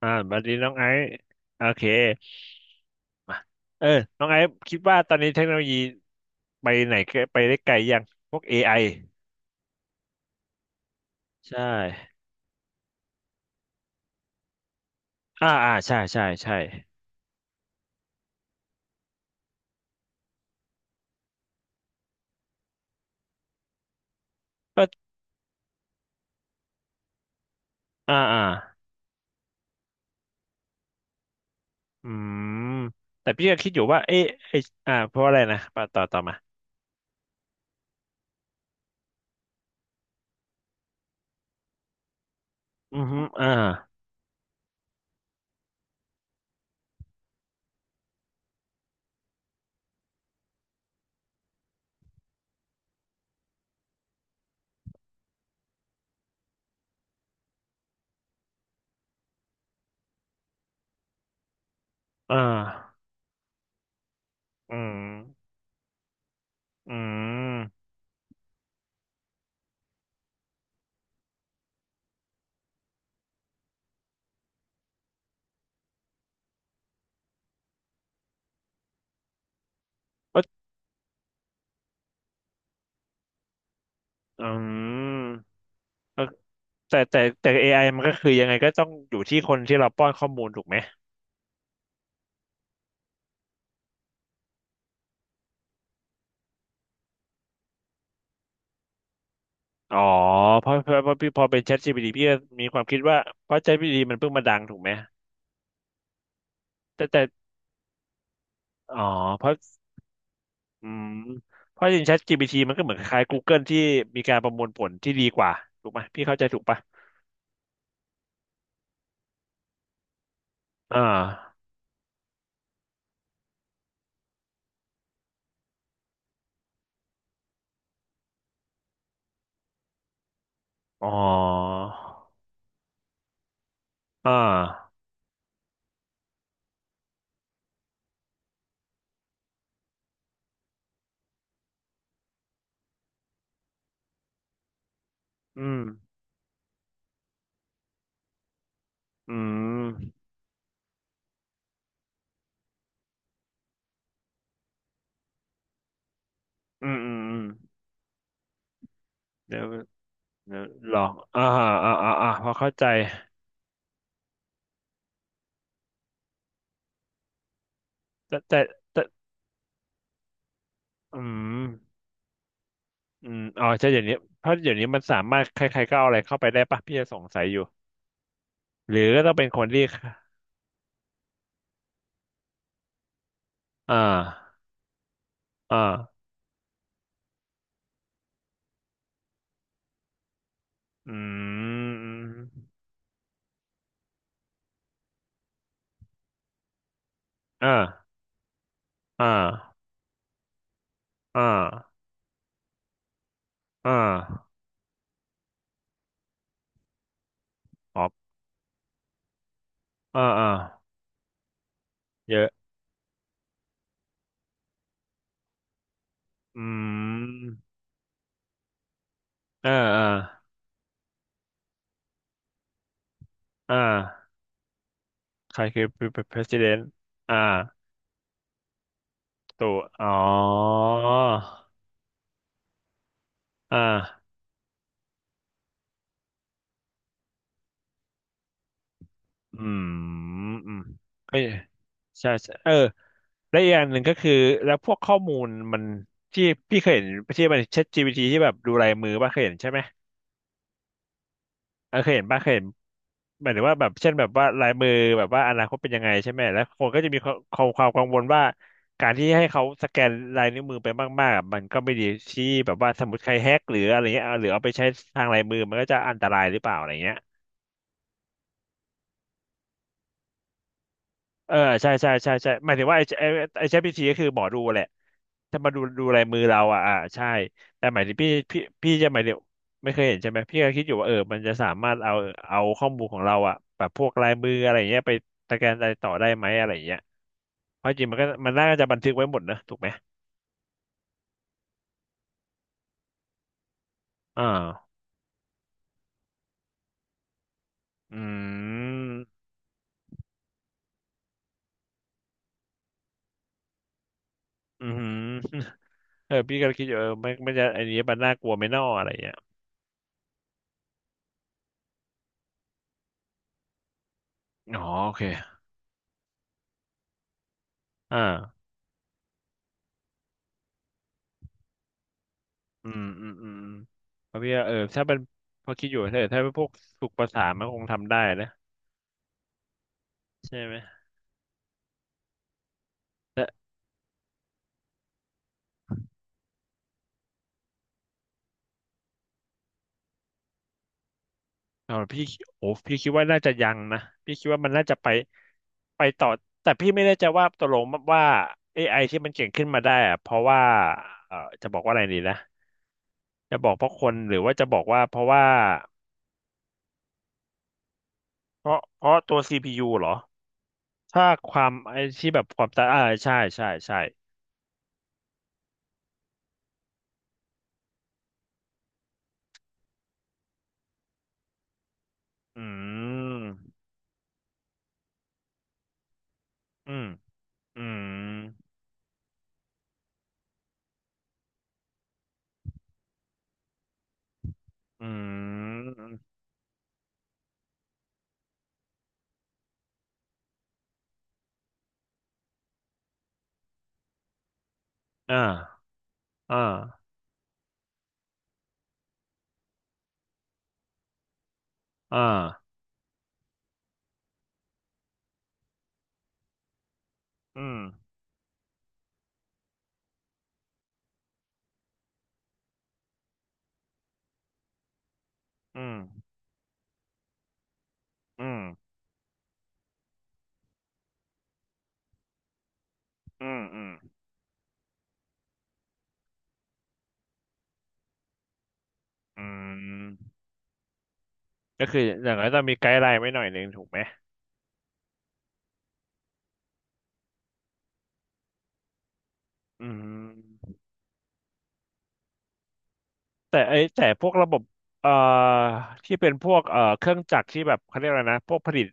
บัดนี้น้องไอซ์โอเคมาเออน้องไอซ์คิดว่าตอนนี้เทคโนโลยีไปไหนไปได้ไกลยังพวก AI ใช่ ใช่ใช่ใช่ก็อ่าอ่าอืมแต่พี่ก็คิดอยู่ว่าเอ๊ะไอเพราะอะไรนะปะต่อมาอือฮึอ่าอืมอืมก็อืมเออแต่ AI มันก็คือยังไงก็ต้องอยู่ที่คนที่เราป้อนข้อมูลถูกไหม อ๋อเพราะพี่พอเป็น ChatGPT พี่ก็มีความคิดว่าเพราะ ChatGPT มันเพิ่งมาดังถูกไหมแต่อ๋อเพราะอืมเพราะจริง ChatGPT มันก็เหมือนคล้ายๆ Google ที่มีการประมวลผลที่ดีกว่าถูกไหมพี่เข้าใจถูกปะอ่าอ๋ออ่าอืมอืมอืมอืมอืมเดี๋ยวเดี๋ยวลองพอเข้าใจแต่แต่แต่อืมอืมอ๋อใช่เดี๋ยวนี้เพราะเดี๋ยวนี้มันสามารถใครๆก็เอาอะไรเข้าไปได้ปะพี่จะสงสัยอยู่ หรือก็ต้องเป็นคนที่อ่าอ่าอืมอ่าอ่าอ่าอ่าออกอ่าอ่าเยอะอืมอ่าอ่าอ่าใครคือ president อ่าตัวอ๋ออ่าอืมอืมเอ้ยใช่ใช่เออและอีกอย่างหนึ่งก็คือแล้วพวกข้อมูลมันที่พี่เคยเห็นที่มัน ChatGPT ที่แบบดูลายมือป่ะเคยเห็นใช่ไหม เออเคยเห็นป่ะเคยเห็นหมายถึงว่าแบบเช่นแบบว่าลายมือแบบว่าอนาคตเป็นยังไงใช่ไหมแล้วคนก็จะมีความความกังวลว่าการที่ให้เขาสแกนลายนิ้วมือไปมากๆอะมันก็ไม่ดีที่แบบว่าสมมติใครแฮกหรืออะไรเงี้ยเอาหรือเอาไปใช้ทางลายมือมันก็จะอันตรายหรือเปล่าอะไรเงี้ย เออใช่ใช่ใช่ใช่หมายถึงว่าไอ้ ChatGPT ก็คือหมอดูแหละจะมาดูลายมือเราอ่ะใช่แต่หมายถึงพี่จะหมายถึงไม่เคยเห็นใช่ไหมพี่ก็คิดอยู่ว่าเออมันจะสามารถเอาเอาข้อมูลของเราอ่ะแบบพวกลายมืออะไรอย่างเงี้ยไปสแกนอะไรต่อได้ไหมอะไรอย่างเงี้ยเพราะจริงมันก็มันน่าจะบันทึกไว้หมดนะถูกไหมอ่าอืมอืมเออพี่ก็คิดอยู่เออไม่ไม่จะไอ้นนี้มันน่ากลัวไหม่น่ออะไรอย่างเงี้ยอ๋อโอเคอ่า อืมอืมอืมเพราะพี่ว่าเออถ้าเป็นพอคิดอยู่ถ้าเป็นพวกฝึกภาษามันคงทำได้นะใช่ไหมแต่เอาพี่โอ้พี่คิดว่าน่าจะยังนะพี่คิดว่ามันน่าจะไปไปต่อแต่พี่ไม่แน่ใจว่าตกลงว่าเอไ i ที่มันเก่งขึ้นมาได้อะเพราะว่าเออจะบอกว่าอะไรดีนะจะบอกเพราะคนหรือว่าจะบอกว่าเพราะว่าเพราะตัวซี p ูเหรอถ้าความไอ้ที่แบบความตาใช่ใช่ใช่อืมอืมอืม อืมอ่าอ่าอ่าอืมอืมอืมอืมอืมอืมก็คืออย่างไรต้องมีไกด์ไลน์ไว้หน่อยหนึ่งถูกไหมอืมแต่ไอ้แต่พวกระบบเอ่อที่เป็นพวกเครื่องจักรที่แบบเขาเรียกอะไรนะพวกผลิต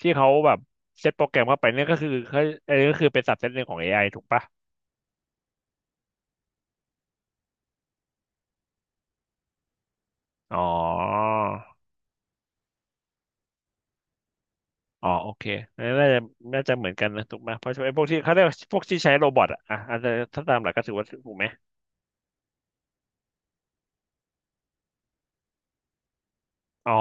ที่เขาแบบเซตโปรแกรมเข้าไปเนี่ยก็คือเขาไอ้ก็คือเป็นสับเซตหนึ่งของเอไอถูกปะอ๋อ อ๋อโอเคอันนี้น่าจะน่าจะเหมือนกันนะถูกไหมเพราะไอ้พวกที่เขาเรียกว่าพวกที่ใช้โรบอทอะอ่ะอาจจะถ้าตามหลักก็ถือว่าถูกไหมอ๋อ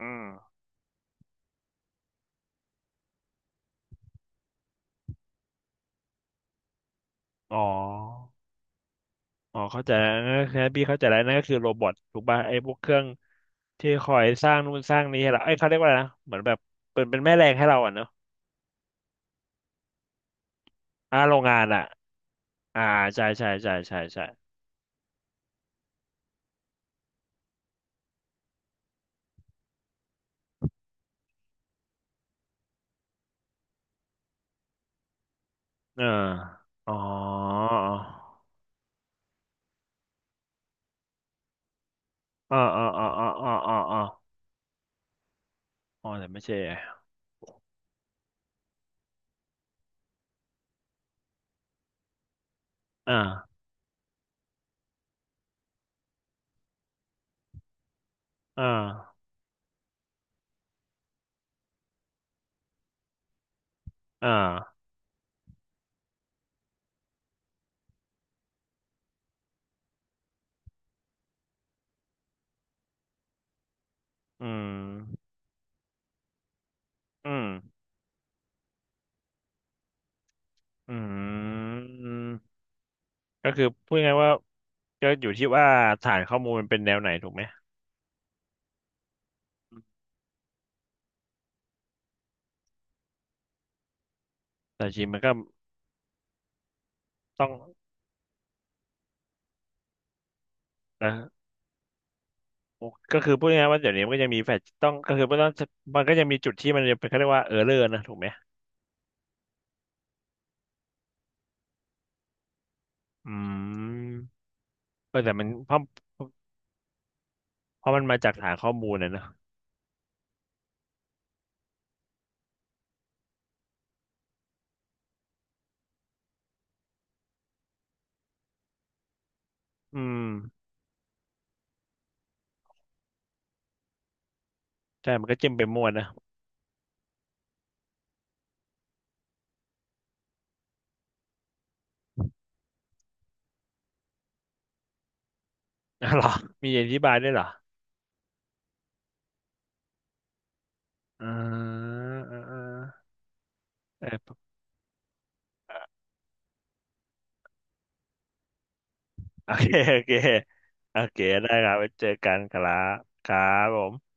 อืมอ๋อ อ๋อเข้าใจแล้วนั่นก็คือพี่เข้าใจแล้วนั่นก็คือโรบอทถูกป่ะไอ้พวกเครื่องที่คอยสร้างนู่นสร้างนี้ให้เราไอ้ยเขาเรียกว่าอะไรนะเหมือนแบบเป็นเป็นแม่แรงให้เราอ่ะเนอะโรงงานอ่ะอ่าใช่ใช่ใช่ใช่ใช่เอออ๋ออ๋ออ๋ออ๋ออ๋ออ๋ออ๋ออ๋อแต่ไม่ใช่อ่าอ่าอ่า อืมอืมอืมก็คือพูดง่ายๆว่าก็อยู่ที่ว่าฐานข้อมูลมันเป็นแนวไหนถูกไหมแต่จริงมันก็ต้องนะก็คือพูดง่ายๆว่าเดี๋ยวนี้มันก็จะมีแฟลชต้องก็คือมันต้องมันก็จะมีจุดที่มันจะเป็นเขาเรียกว่าเออร์เรอร์นะถูกไหมอืมเออแต่มันเพราะเพราะมันมาจากฐานข้อมูลนะเนอะอืมใช่มันก็จิ้มไปมั่วนะ อ๋อเหรอมีอธิบายด้วยเหรออ่าอ่าอ่าเออ โอเคโอเคโอเคได้ครับไว้เจอกันครับครับผม